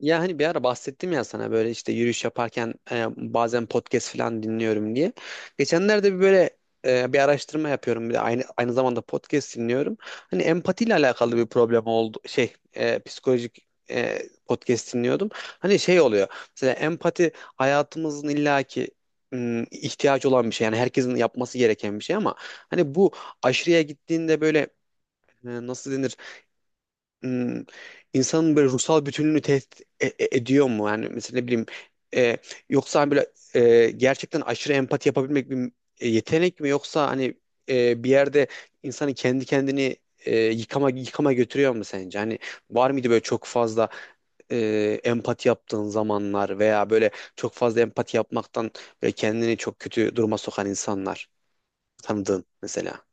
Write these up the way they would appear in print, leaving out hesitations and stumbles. Ya hani bir ara bahsettim ya sana böyle işte yürüyüş yaparken bazen podcast falan dinliyorum diye. Geçenlerde bir böyle bir araştırma yapıyorum bir de aynı zamanda podcast dinliyorum. Hani empatiyle alakalı bir problem oldu şey psikolojik podcast dinliyordum. Hani şey oluyor mesela empati hayatımızın illaki ihtiyaç olan bir şey, yani herkesin yapması gereken bir şey, ama hani bu aşırıya gittiğinde böyle nasıl denir, hmm, insanın böyle ruhsal bütünlüğünü tehdit ediyor mu? Yani mesela ne bileyim, e, yoksa hani böyle gerçekten aşırı empati yapabilmek bir yetenek mi, yoksa hani bir yerde insanı kendi kendini yıkama götürüyor mu sence? Hani var mıydı böyle çok fazla empati yaptığın zamanlar, veya böyle çok fazla empati yapmaktan böyle kendini çok kötü duruma sokan insanlar tanıdığın mesela?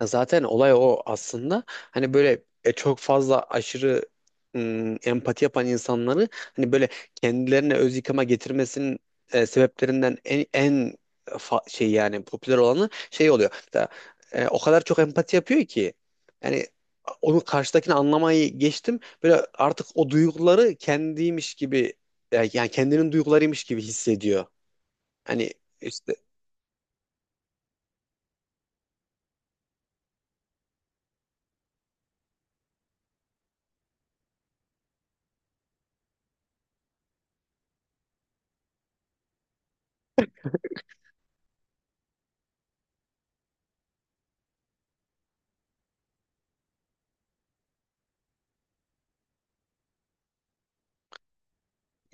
Ya zaten olay o aslında. Hani böyle çok fazla aşırı empati yapan insanları hani böyle kendilerine öz yıkıma getirmesinin sebeplerinden en şey, yani popüler olanı şey oluyor. Mesela, o kadar çok empati yapıyor ki yani onu, karşıdakini anlamayı geçtim. Böyle artık o duyguları kendiymiş gibi, yani kendinin duygularıymış gibi hissediyor. Hani işte,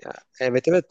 ya, evet, evet.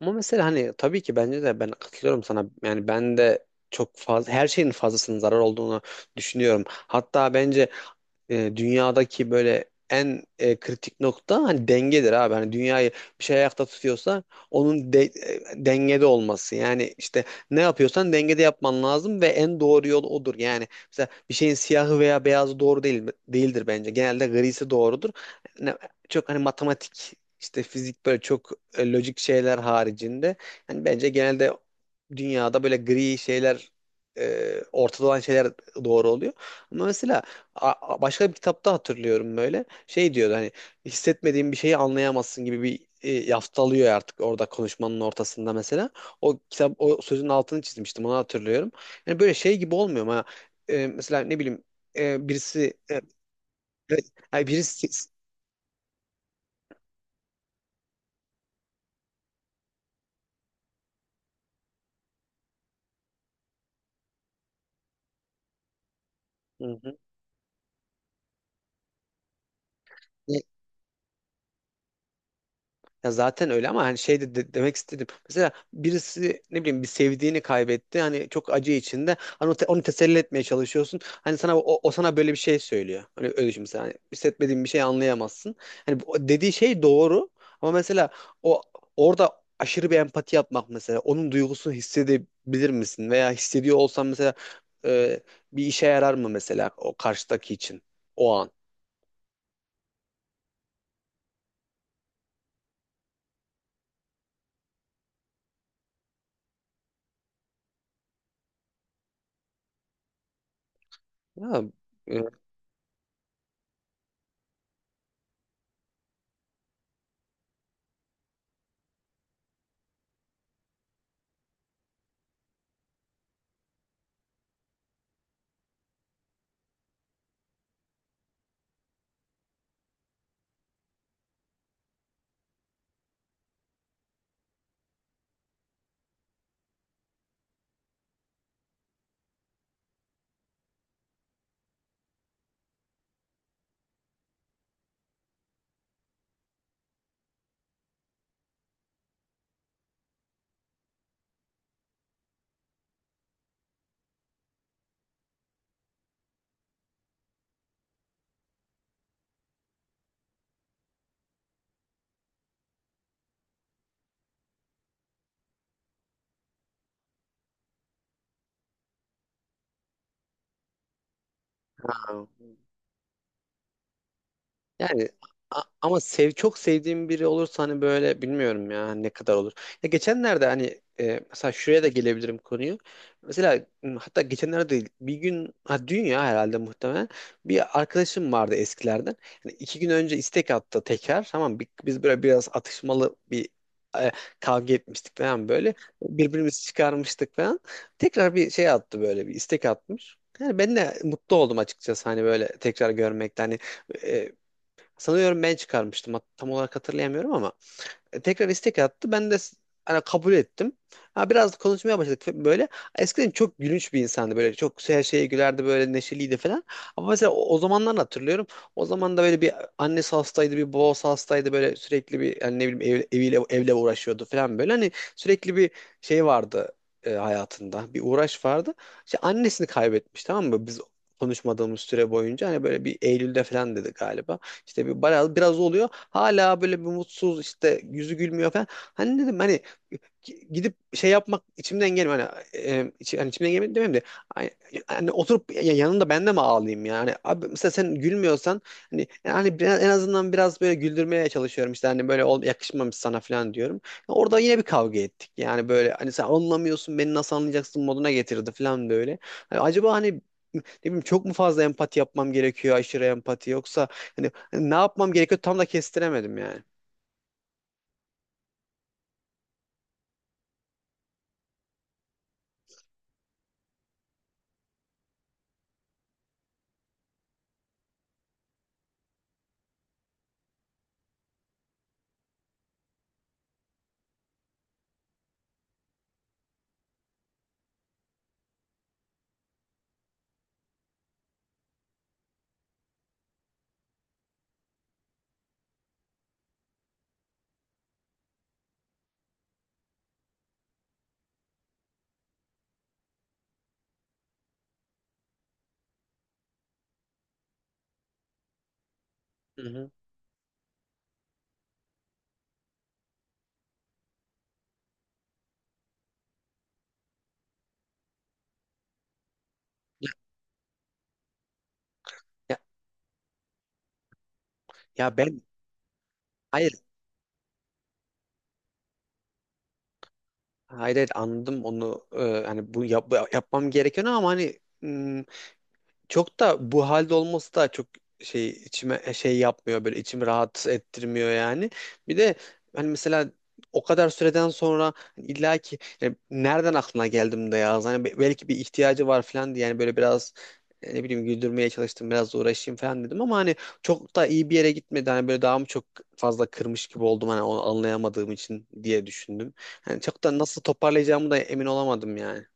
Ama mesela hani tabii ki bence de ben katılıyorum sana. Yani ben de çok fazla her şeyin fazlasının zarar olduğunu düşünüyorum. Hatta bence dünyadaki böyle en kritik nokta hani dengedir abi. Hani dünyayı bir şey ayakta tutuyorsa onun dengede olması. Yani işte ne yapıyorsan dengede yapman lazım, ve en doğru yol odur. Yani mesela bir şeyin siyahı veya beyazı doğru değil değildir bence. Genelde grisi doğrudur. Ne- Çok hani matematik, işte fizik, böyle çok lojik şeyler haricinde yani bence genelde dünyada böyle gri şeyler, ortada olan şeyler doğru oluyor. Ama mesela A- başka bir kitapta hatırlıyorum böyle. Şey diyordu hani hissetmediğin bir şeyi anlayamazsın gibi bir yaftalıyor artık orada konuşmanın ortasında mesela. O kitap, o sözün altını çizmiştim, onu hatırlıyorum. Yani böyle şey gibi olmuyor ama mesela ne bileyim, e, birisi e, e, yani birisi. Hı hı. Ya zaten öyle ama hani şey, demek istedim. Mesela birisi ne bileyim bir sevdiğini kaybetti. Hani çok acı içinde. Hani onu teselli etmeye çalışıyorsun. Hani sana o sana böyle bir şey söylüyor. Hani öyle düşün mesela. Hani hissetmediğin bir şey anlayamazsın. Hani dediği şey doğru, ama mesela o orada aşırı bir empati yapmak, mesela onun duygusunu hissedebilir misin, veya hissediyor olsan mesela e, bir işe yarar mı mesela o karşıdaki için o an? Ya, e, yani ama çok sevdiğim biri olursa hani böyle bilmiyorum ya hani, ne kadar olur. Ya geçenlerde hani mesela şuraya da gelebilirim konuyu. Mesela hatta geçenlerde değil bir gün, ha dün ya herhalde muhtemelen, bir arkadaşım vardı eskilerden. Hani iki gün önce istek attı tekrar, tamam, biz böyle biraz atışmalı bir e, kavga etmiştik falan böyle. Birbirimizi çıkarmıştık falan. Tekrar bir şey attı, böyle bir istek atmış. Yani ben de mutlu oldum açıkçası hani böyle tekrar görmekten. Hani, e, sanıyorum ben çıkarmıştım. Tam olarak hatırlayamıyorum ama tekrar istek attı. Hani kabul ettim. Ha, biraz konuşmaya başladık böyle. Eskiden çok gülünç bir insandı böyle. Çok her şeye gülerdi, böyle neşeliydi falan. Ama mesela o zamanlar hatırlıyorum. O zaman da böyle bir annesi hastaydı, bir babası hastaydı, böyle sürekli bir yani ne bileyim, ev, eviyle evle uğraşıyordu falan böyle. Hani sürekli bir şey vardı hayatında. Bir uğraş vardı. İşte annesini kaybetmiş, tamam mı? Biz konuşmadığımız süre boyunca, hani böyle bir Eylül'de falan dedi galiba. İşte biraz, biraz oluyor. Hala böyle bir mutsuz, işte yüzü gülmüyor falan. Hani dedim hani gidip şey yapmak içimden gelmiyor. Hani, hani içimden gelmiyor demeyeyim de, ay- hani oturup yanında ben de mi ağlayayım yani? Abi mesela sen gülmüyorsan hani yani en azından biraz böyle güldürmeye çalışıyorum. İşte hani böyle yakışmamış sana falan diyorum. Orada yine bir kavga ettik. Yani böyle hani sen anlamıyorsun, beni nasıl anlayacaksın moduna getirdi falan böyle. Hani acaba hani ne bileyim, çok mu fazla empati yapmam gerekiyor, aşırı empati, yoksa hani ne yapmam gerekiyor tam da kestiremedim yani. Hı hı. Ya, ya ben, hayır, hayır, hayır, anladım onu. Hani bu yapmam gerekiyor ama hani çok da bu halde olması da çok şey içime, şey yapmıyor, böyle içimi rahat ettirmiyor yani. Bir de hani mesela o kadar süreden sonra hani illa ki yani nereden aklına geldim de ya hani belki bir ihtiyacı var falan diye, yani böyle biraz ne bileyim güldürmeye çalıştım, biraz uğraşayım falan dedim ama hani çok da iyi bir yere gitmedi. Hani böyle daha mı çok fazla kırmış gibi oldum hani onu anlayamadığım için diye düşündüm. Hani çok da nasıl toparlayacağımı da emin olamadım yani.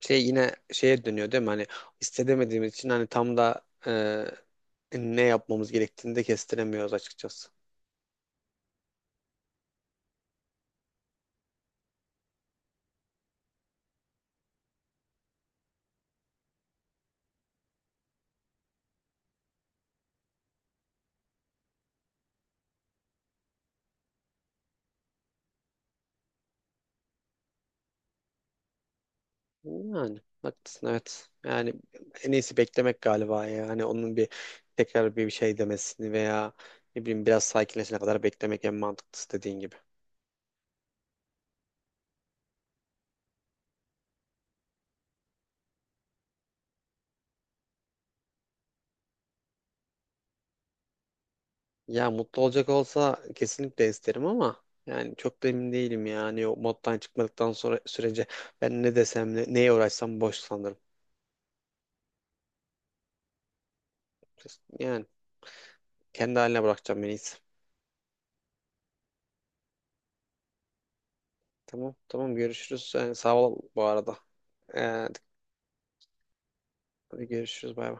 Şey, yine şeye dönüyor değil mi? Hani istedemediğimiz için hani tam da ne yapmamız gerektiğini de kestiremiyoruz açıkçası. Yani haklısın, evet. Yani en iyisi beklemek galiba ya. Hani onun bir tekrar bir şey demesini, veya ne bileyim biraz sakinleşene kadar beklemek en mantıklısı dediğin gibi. Ya mutlu olacak olsa kesinlikle isterim ama yani çok da emin değilim ya. Hani o moddan çıkmadıktan sonra sürece ben ne desem, neye uğraşsam boş sanırım. Yani kendi haline bırakacağım en iyisi. Tamam, tamam, görüşürüz. Yani sağ ol bu arada. Ee, görüşürüz, bay bay.